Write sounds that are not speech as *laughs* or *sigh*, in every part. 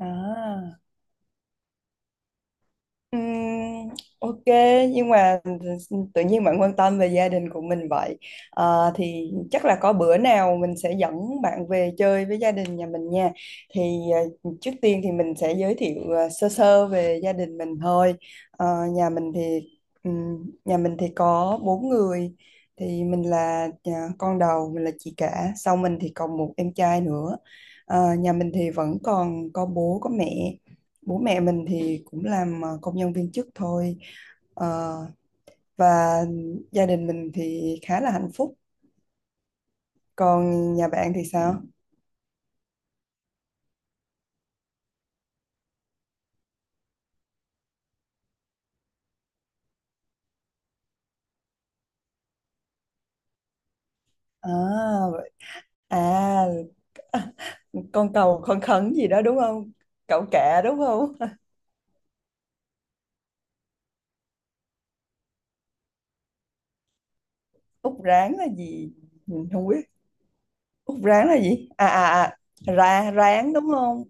à Ừm, ok, nhưng mà tự nhiên bạn quan tâm về gia đình của mình vậy? Thì chắc là có bữa nào mình sẽ dẫn bạn về chơi với gia đình nhà mình nha. thì Trước tiên thì mình sẽ giới thiệu sơ sơ về gia đình mình thôi. Ờ, nhà mình thì nhà mình thì có 4 người. Thì mình là, con đầu. Mình là chị cả, sau mình thì còn một em trai nữa. Nhà mình thì vẫn còn có bố có mẹ. Bố mẹ mình thì cũng làm công nhân viên chức thôi. Ờ, và gia đình mình thì khá là hạnh phúc. Còn nhà bạn thì sao? à, vậy- à con cầu con khấn gì đó đúng không? Cậu kẹ đúng không? *laughs* Út ráng là gì? Mình không biết. Út ráng là gì? Ra ráng đúng không?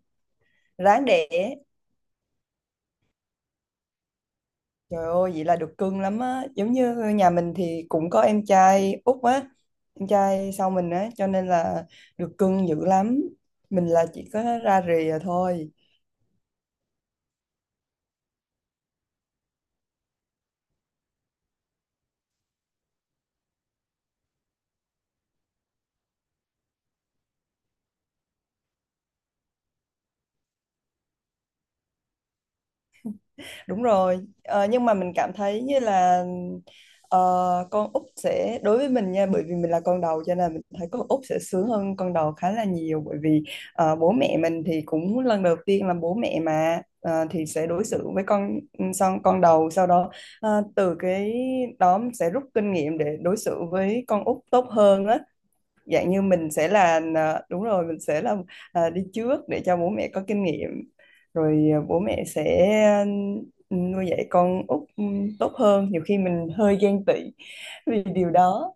Ráng đẻ. Trời ơi, vậy là được cưng lắm á. Giống như nhà mình thì cũng có em trai út á, em trai sau mình á, cho nên là được cưng dữ lắm. Mình là chỉ có ra rìa thôi. Đúng rồi. Ờ, nhưng mà mình cảm thấy như là, ờ, con út sẽ đối với mình nha. Bởi vì mình là con đầu cho nên mình thấy con út sẽ sướng hơn con đầu khá là nhiều. Bởi vì bố mẹ mình thì cũng lần đầu tiên làm bố mẹ mà, thì sẽ đối xử với con son con đầu. Sau đó, từ cái đó mình sẽ rút kinh nghiệm để đối xử với con út tốt hơn á. Dạng như mình sẽ là, đúng rồi, mình sẽ là, đi trước để cho bố mẹ có kinh nghiệm, rồi bố mẹ sẽ ờ, nuôi dạy con út tốt hơn. Nhiều khi mình hơi ghen tị vì điều đó.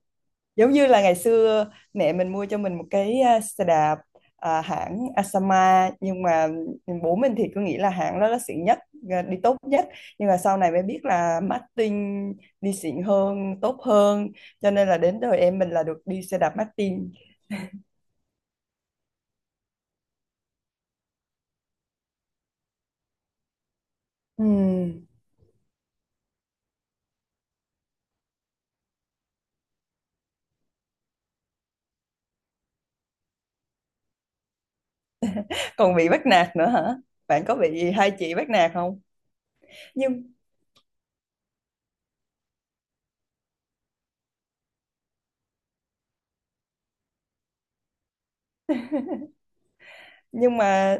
Giống như là ngày xưa mẹ mình mua cho mình một cái, xe đạp hãng Asama. Nhưng mà bố mình thì cứ nghĩ là hãng đó là xịn nhất, đi tốt nhất. Nhưng mà sau này mới biết là Martin đi xịn hơn tốt hơn, cho nên là đến đời em mình là được đi xe đạp Martin. Ừm. Còn bị bắt nạt nữa hả? Bạn có bị hai chị bắt nạt không? Nhưng nhưng mà,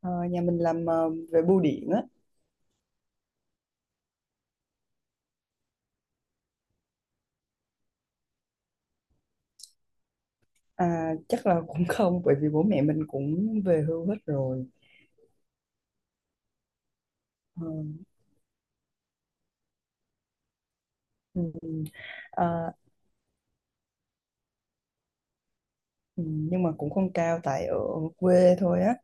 ờ, nhà mình làm về bưu điện á. Chắc là cũng không, bởi vì bố mẹ mình cũng về hưu hết rồi. Ờ. Ừ. Ờ. Ừ. Nhưng mà cũng không cao, tại ở quê thôi á.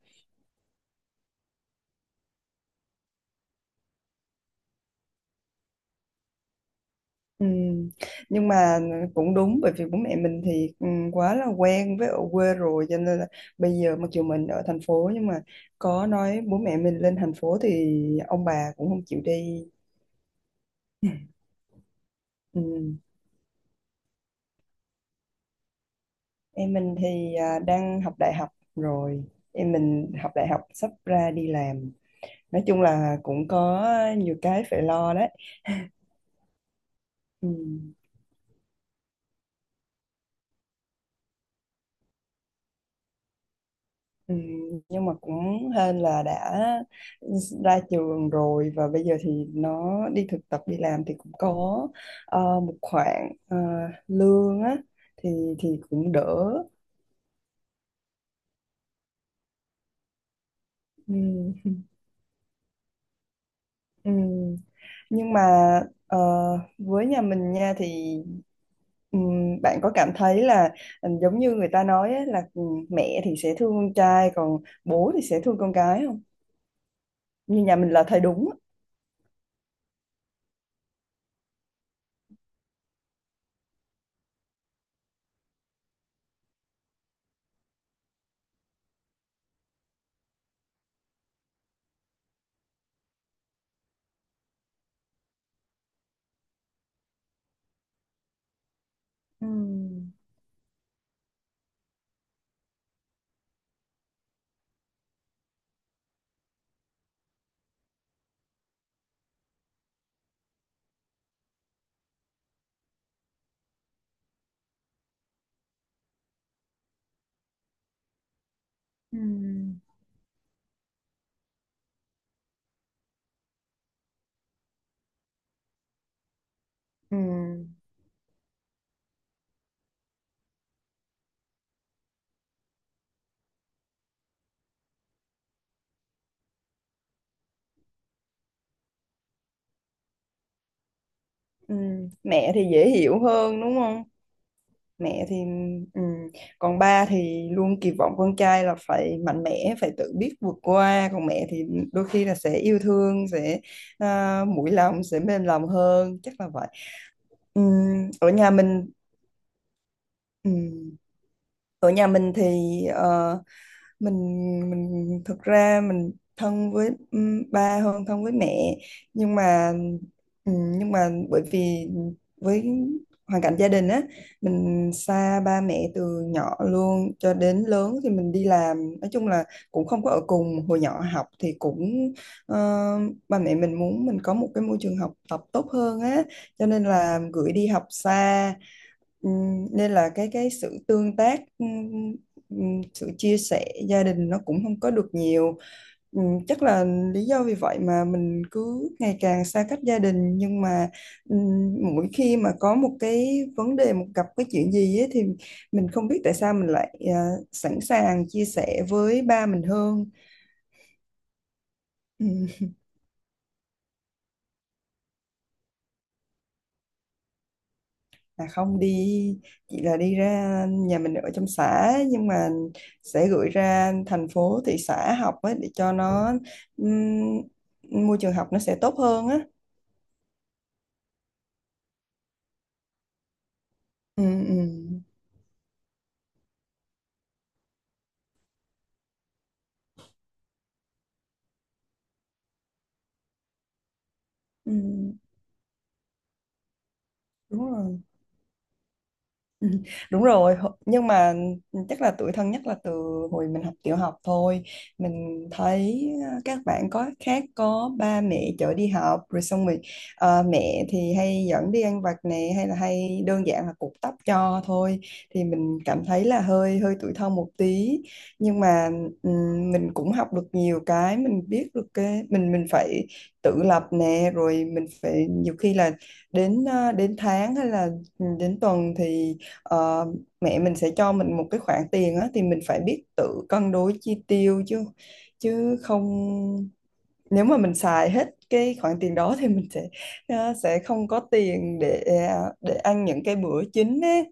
Ừ, nhưng mà cũng đúng. Bởi vì bố mẹ mình thì, quá là quen với ở quê rồi, cho nên là bây giờ mặc dù mình ở thành phố nhưng mà có nói bố mẹ mình lên thành phố thì ông bà cũng không chịu đi. *laughs* Ừ. Em mình thì, đang học đại học rồi. Em mình học đại học sắp ra đi làm. Nói chung là cũng có nhiều cái phải lo đấy. Ừ. Ừ. Nhưng mà cũng hên là đã ra trường rồi, và bây giờ thì nó đi thực tập đi làm thì cũng có một khoản lương á. Thì thì cũng đỡ. Ừ. Ừ. Nhưng mà, ờ, với nhà mình nha thì, bạn có cảm thấy là, giống như người ta nói ấy, là, mẹ thì sẽ thương con trai còn bố thì sẽ thương con cái không? Như nhà mình là thấy đúng á. Ừ. Ừ. Ừ. Ừ. Mẹ thì dễ hiểu hơn đúng không? Mẹ thì, ừ, còn ba thì luôn kỳ vọng con trai là phải mạnh mẽ, phải tự biết vượt qua. Còn mẹ thì đôi khi là sẽ yêu thương, sẽ, mũi lòng sẽ mềm lòng hơn, chắc là vậy. Ừ. Ở nhà mình, ừ, ở nhà mình thì, ờ, mình, thực ra mình thân với ba hơn thân với mẹ. Nhưng mà, bởi vì với hoàn cảnh gia đình á, mình xa ba mẹ từ nhỏ luôn. Cho đến lớn thì mình đi làm, nói chung là cũng không có ở cùng. Hồi nhỏ học thì cũng, ờ, ba mẹ mình muốn mình có một cái môi trường học tập tốt hơn á, cho nên là gửi đi học xa. Nên là cái sự tương tác, sự chia sẻ gia đình nó cũng không có được nhiều. Chắc là lý do vì vậy mà mình cứ ngày càng xa cách gia đình. Nhưng mà, mỗi khi mà có một cái vấn đề, một gặp cái chuyện gì ấy, thì mình không biết tại sao mình lại, sẵn sàng chia sẻ với ba mình hơn. Ừm. Không đi, chỉ là đi ra, nhà mình ở trong xã nhưng mà sẽ gửi ra thành phố thị xã học ấy, để cho nó, môi trường học nó sẽ tốt hơn á. Ừ, ừ, ừ, đúng rồi. Ừ. Đúng rồi. Nhưng mà, chắc là tuổi thân nhất là từ hồi mình học tiểu học thôi. Mình thấy, các bạn có khác, có ba mẹ chở đi học rồi xong rồi, mẹ thì hay dẫn đi ăn vặt nè, hay là hay đơn giản là cột tóc cho thôi. Thì mình cảm thấy là hơi hơi tuổi thân một tí. Nhưng mà, mình cũng học được nhiều cái. Mình biết được cái mình phải tự lập nè, rồi mình phải, nhiều khi là đến, đến tháng hay là, đến tuần thì, ờ, mẹ mình sẽ cho mình một cái khoản tiền á. Thì mình phải biết tự cân đối chi tiêu chứ chứ không. Nếu mà mình xài hết cái khoản tiền đó thì mình sẽ, sẽ không có tiền để ăn những cái bữa chính ấy.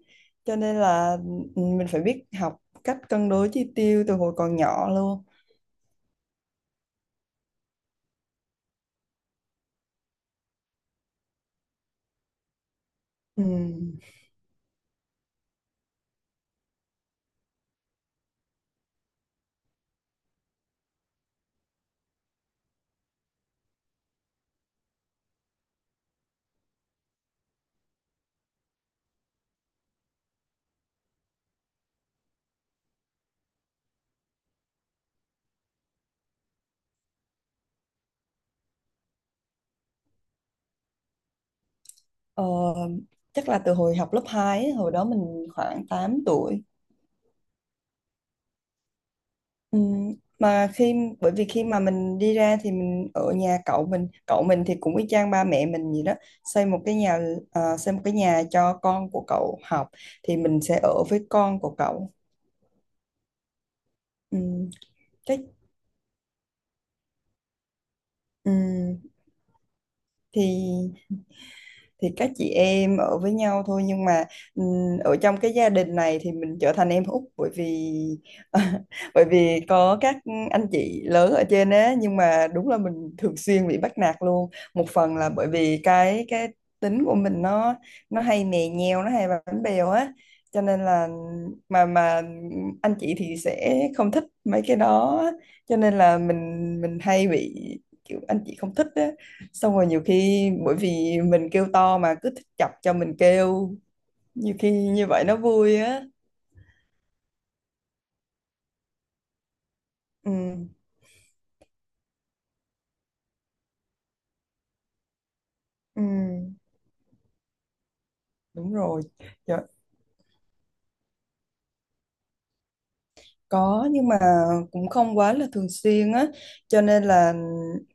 Cho nên là, mình phải biết học cách cân đối chi tiêu từ hồi còn nhỏ luôn. Ừ. Ờ, Chắc là từ hồi học lớp 2 ấy, hồi đó mình khoảng 8 tuổi. Ừ, mà khi bởi vì khi mà mình đi ra thì mình ở nhà cậu mình. Cậu mình thì cũng y chang ba mẹ mình gì đó, xây một cái nhà, xây một cái nhà cho con của cậu học, thì mình sẽ ở với con của cậu. Ừ, chắc. ừ, thì thì các chị em ở với nhau thôi, nhưng mà, ở trong cái gia đình này thì mình trở thành em út, bởi vì *laughs* bởi vì có các anh chị lớn ở trên á, nhưng mà đúng là mình thường xuyên bị bắt nạt luôn. Một phần là bởi vì cái tính của mình, nó hay mè nheo, nó hay bánh bèo á. Cho nên là, mà anh chị thì sẽ không thích mấy cái đó. Cho nên là mình hay bị kiểu anh chị không thích á. Xong rồi nhiều khi bởi vì mình kêu to mà cứ thích chọc cho mình kêu. Nhiều khi như vậy nó vui á. Ừ. Ừ. Đúng rồi. Trời. Có, nhưng mà cũng không quá là thường xuyên á. cho nên là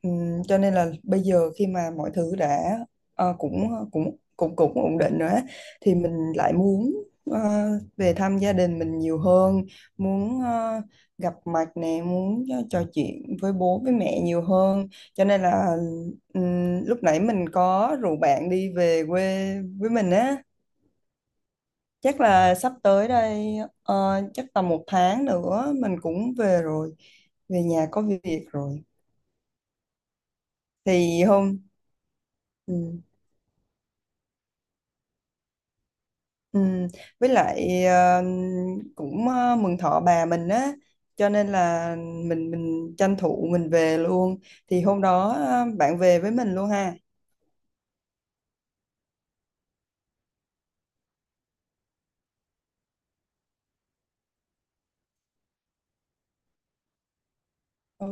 ừm, cho nên là bây giờ khi mà mọi thứ đã, cũng cũng cũng cũng ổn định rồi á, thì mình lại muốn, ờ, về thăm gia đình mình nhiều hơn. Muốn, gặp mặt nè, muốn trò chuyện với bố với mẹ nhiều hơn, cho nên là, lúc nãy mình có rủ bạn đi về quê với mình á. Chắc là sắp tới đây, chắc tầm 1 tháng nữa mình cũng về rồi. Về nhà có việc rồi. Thì hôm Ừ. Ừ. Với lại, cũng, mừng thọ bà mình á, cho nên là mình tranh thủ mình về luôn. Thì hôm đó, bạn về với mình luôn ha. Ờ.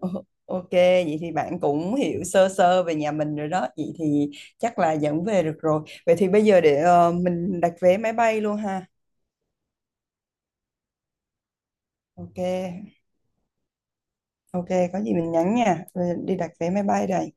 Ờ. Ok, vậy thì bạn cũng hiểu sơ sơ về nhà mình rồi đó. Vậy thì chắc là dẫn về được rồi. Vậy thì bây giờ để, mình đặt vé máy bay luôn ha. Ok. Ok, có gì mình nhắn nha, rồi đi đặt vé máy bay đây.